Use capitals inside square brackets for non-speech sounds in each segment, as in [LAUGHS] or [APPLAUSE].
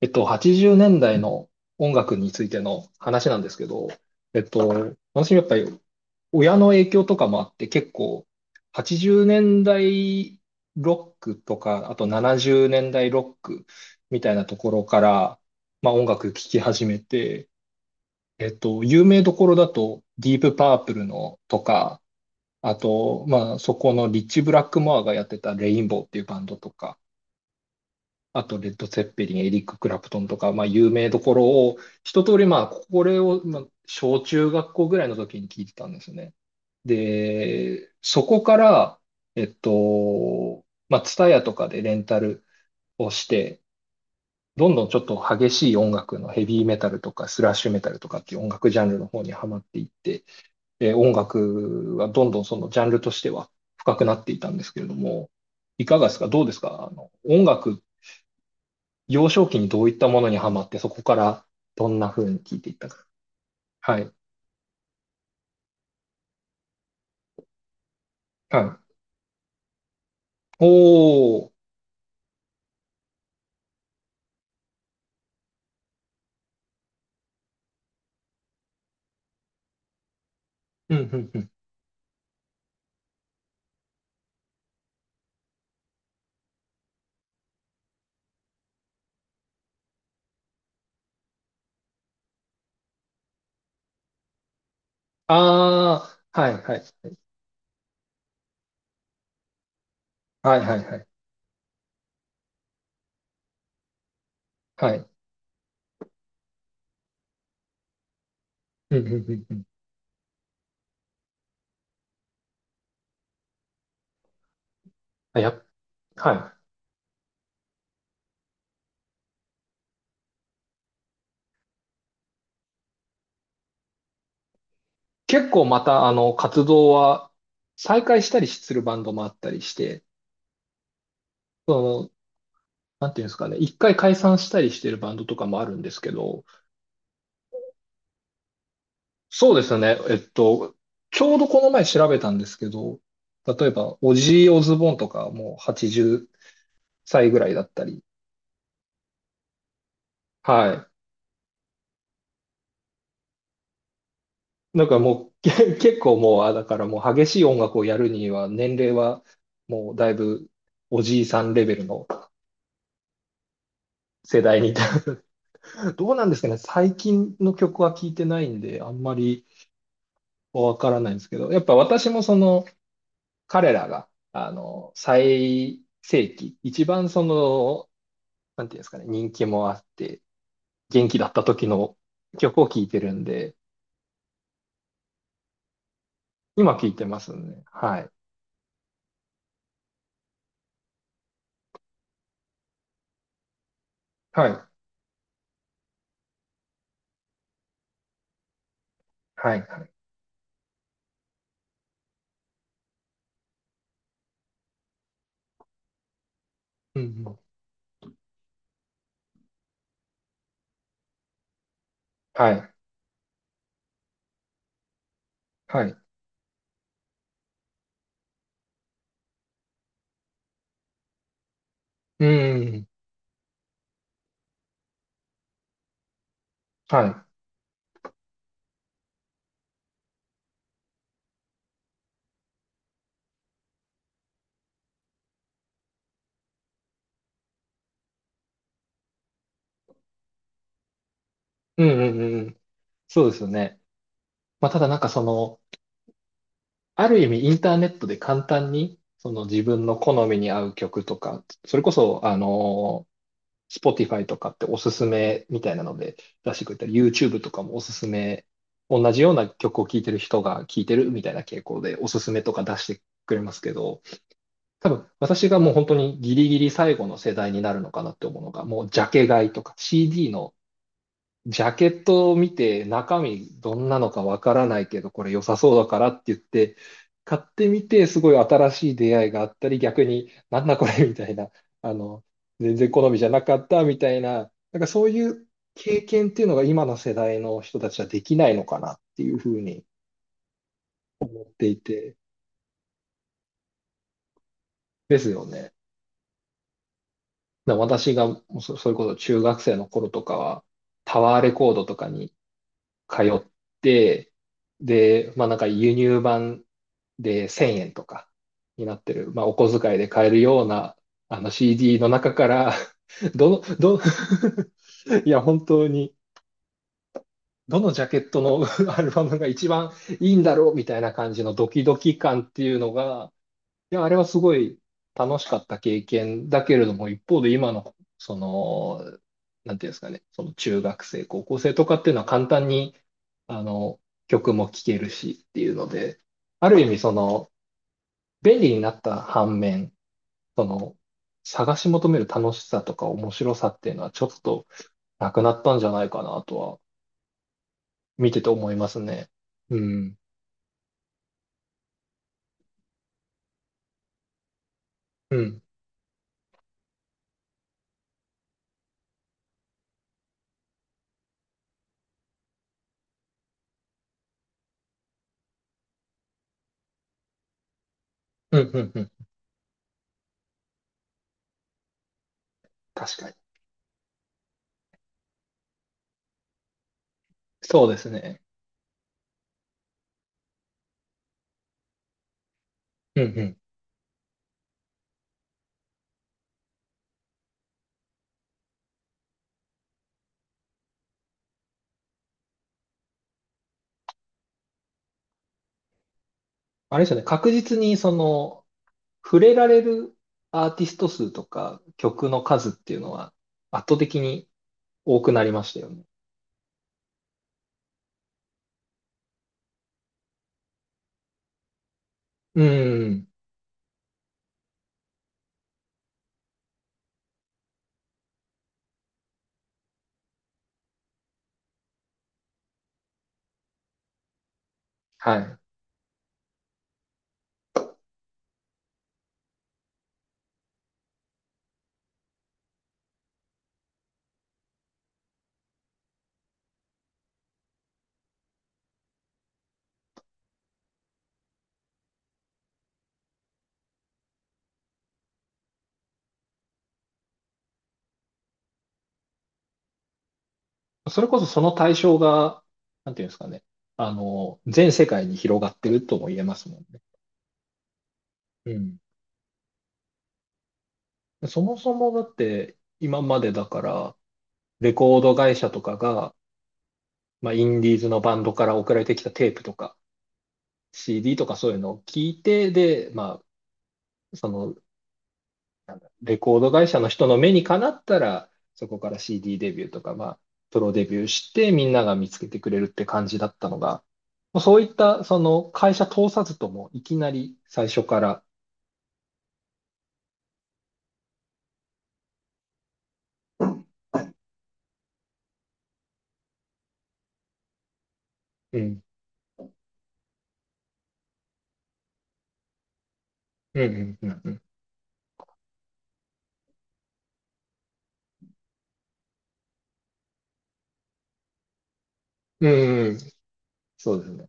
80年代の音楽についての話なんですけど、私やっぱり親の影響とかもあって結構、80年代ロックとか、あと70年代ロックみたいなところから、まあ音楽聴き始めて、有名どころだとディープパープルのとか、あと、まあそこのリッチ・ブラックモアがやってたレインボーっていうバンドとか、あと、レッド・ツェッペリン、エリック・クラプトンとか、まあ、有名どころを、一通り、まあ、これを、まあ、小中学校ぐらいの時に聞いてたんですよね。で、そこから、まあ、ツタヤとかでレンタルをして、どんどんちょっと激しい音楽のヘビーメタルとかスラッシュメタルとかっていう音楽ジャンルの方にはまっていって、音楽はどんどんそのジャンルとしては深くなっていたんですけれども、いかがですか？どうですか？音楽、幼少期にどういったものにハマって、そこからどんな風に聞いていったか。はい。はい。おー。うん、うん、うん。あー。はい、はい。はい、はい、はい。はい。うん、うん、うんうん。あやっ、はい。結構また、活動は再開したりするバンドもあったりして、その、なんていうんですかね、一回解散したりしてるバンドとかもあるんですけど、そうですね。ちょうどこの前調べたんですけど、例えば、オジー・オズボーンとかもう80歳ぐらいだったり。はい。なんかもう、結構もう、あ、だからもう激しい音楽をやるには、年齢はもうだいぶおじいさんレベルの世代にいた。[LAUGHS] どうなんですかね。最近の曲は聞いてないんで、あんまりわからないんですけど、やっぱ私もその、彼らが、あの、最盛期、一番その、なんていうんですかね、人気もあって、元気だった時の曲を聴いてるんで、今聴いてますね。はい。はい。はい。はい。うんうんはい。はい。うんうんうん。はい。うんうんうんうん。そうですよね。まあ、ただなんかその、ある意味インターネットで簡単に、その自分の好みに合う曲とか、それこそ、あの、Spotify とかっておすすめみたいなので出してくれたり、YouTube とかもおすすめ、同じような曲を聴いてる人が聴いてるみたいな傾向でおすすめとか出してくれますけど、多分私がもう本当にギリギリ最後の世代になるのかなって思うのが、もうジャケ買いとか CD のジャケットを見て中身どんなのかわからないけどこれ良さそうだからって言って買ってみてすごい新しい出会いがあったり、逆になんだこれみたいな、あの、全然好みじゃなかったみたいな、なんかそういう経験っていうのが今の世代の人たちはできないのかなっていうふうに思っていてですよね。だから私がそれこそ中学生の頃とかはタワーレコードとかに通って、で、まあなんか輸入版で1000円とかになってる、まあお小遣いで買えるようなあの CD の中から [LAUGHS] どの、ど、[LAUGHS] いや本当に、どのジャケットの [LAUGHS] アルバムが一番いいんだろうみたいな感じのドキドキ感っていうのが、いや、あれはすごい楽しかった経験だけれども、一方で今の、その、なんていうんですかね、その中学生、高校生とかっていうのは簡単に、あの、曲も聴けるしっていうので、ある意味その、便利になった反面、その、探し求める楽しさとか面白さっていうのはちょっとなくなったんじゃないかなとは、見てて思いますね。うん。うん。うん、うん、うん。確かに。そうですね。うん、うん。あれですよね。確実にその、触れられるアーティスト数とか曲の数っていうのは圧倒的に多くなりましたよね。うん。はい。それこそその対象が、なんていうんですかね。あの、全世界に広がってるとも言えますもんね。うん。そもそもだって今までだから、レコード会社とかが、まあ、インディーズのバンドから送られてきたテープとか、CD とかそういうのを聞いて、で、まあ、そのレコード会社の人の目にかなったら、そこから CD デビューとか、まあ、プロデビューしてみんなが見つけてくれるって感じだったのが、もうそういったその会社通さずともいきなり最初から、うん、うん、うん、うん、うん、うんうんそうですね。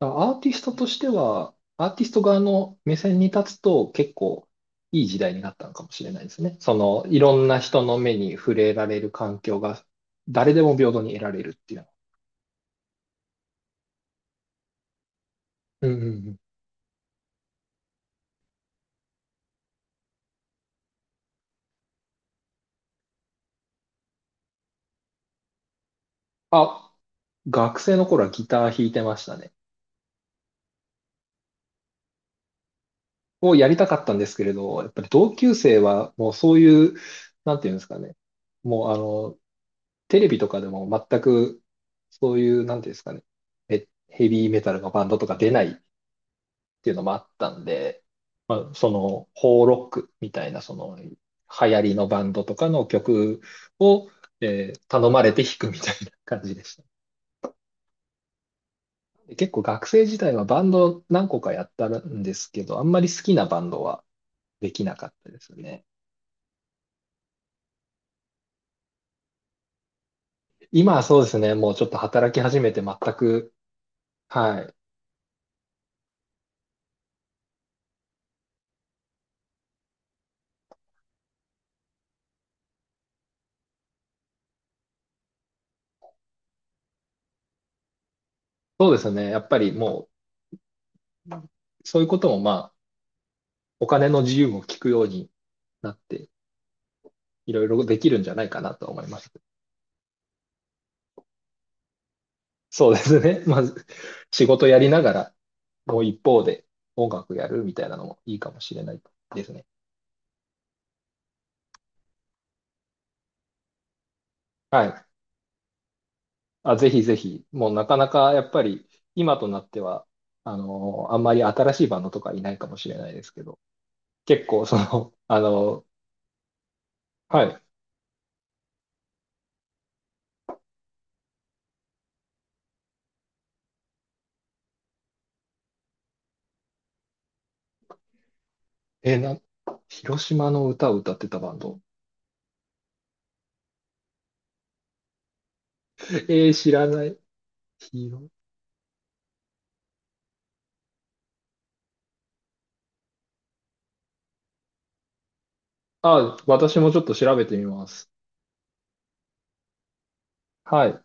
だからアーティストとしては、アーティスト側の目線に立つと結構いい時代になったのかもしれないですね。その、いろんな人の目に触れられる環境が誰でも平等に得られるっていうの。うん、うん、うん。あ、学生の頃はギター弾いてましたね。をやりたかったんですけれど、やっぱり同級生はもうそういう、なんていうんですかね。もうあの、テレビとかでも全くそういう、なんていうんですかね。ヘビーメタルのバンドとか出ないっていうのもあったんで、まあ、その、ホーロックみたいな、その、流行りのバンドとかの曲を、頼まれて弾くみたいな感じでした。で結構学生時代はバンド何個かやったんですけど、あんまり好きなバンドはできなかったですね。今はそうですね、もうちょっと働き始めて全く、はい。そうですね、やっぱりもう、そういうこともまあ、お金の自由も聞くようになって、いろいろできるんじゃないかなと思います。そうですね、[LAUGHS] まず、仕事やりながら、もう一方で音楽やるみたいなのもいいかもしれないですね。はい。あ、ぜひぜひ、もうなかなかやっぱり、今となっては、あの、あんまり新しいバンドとかいないかもしれないですけど、結構その、あの、はい。え、な、広島の歌を歌ってたバンド。えー、知らない。広、あ、私もちょっと調べてみます。はい。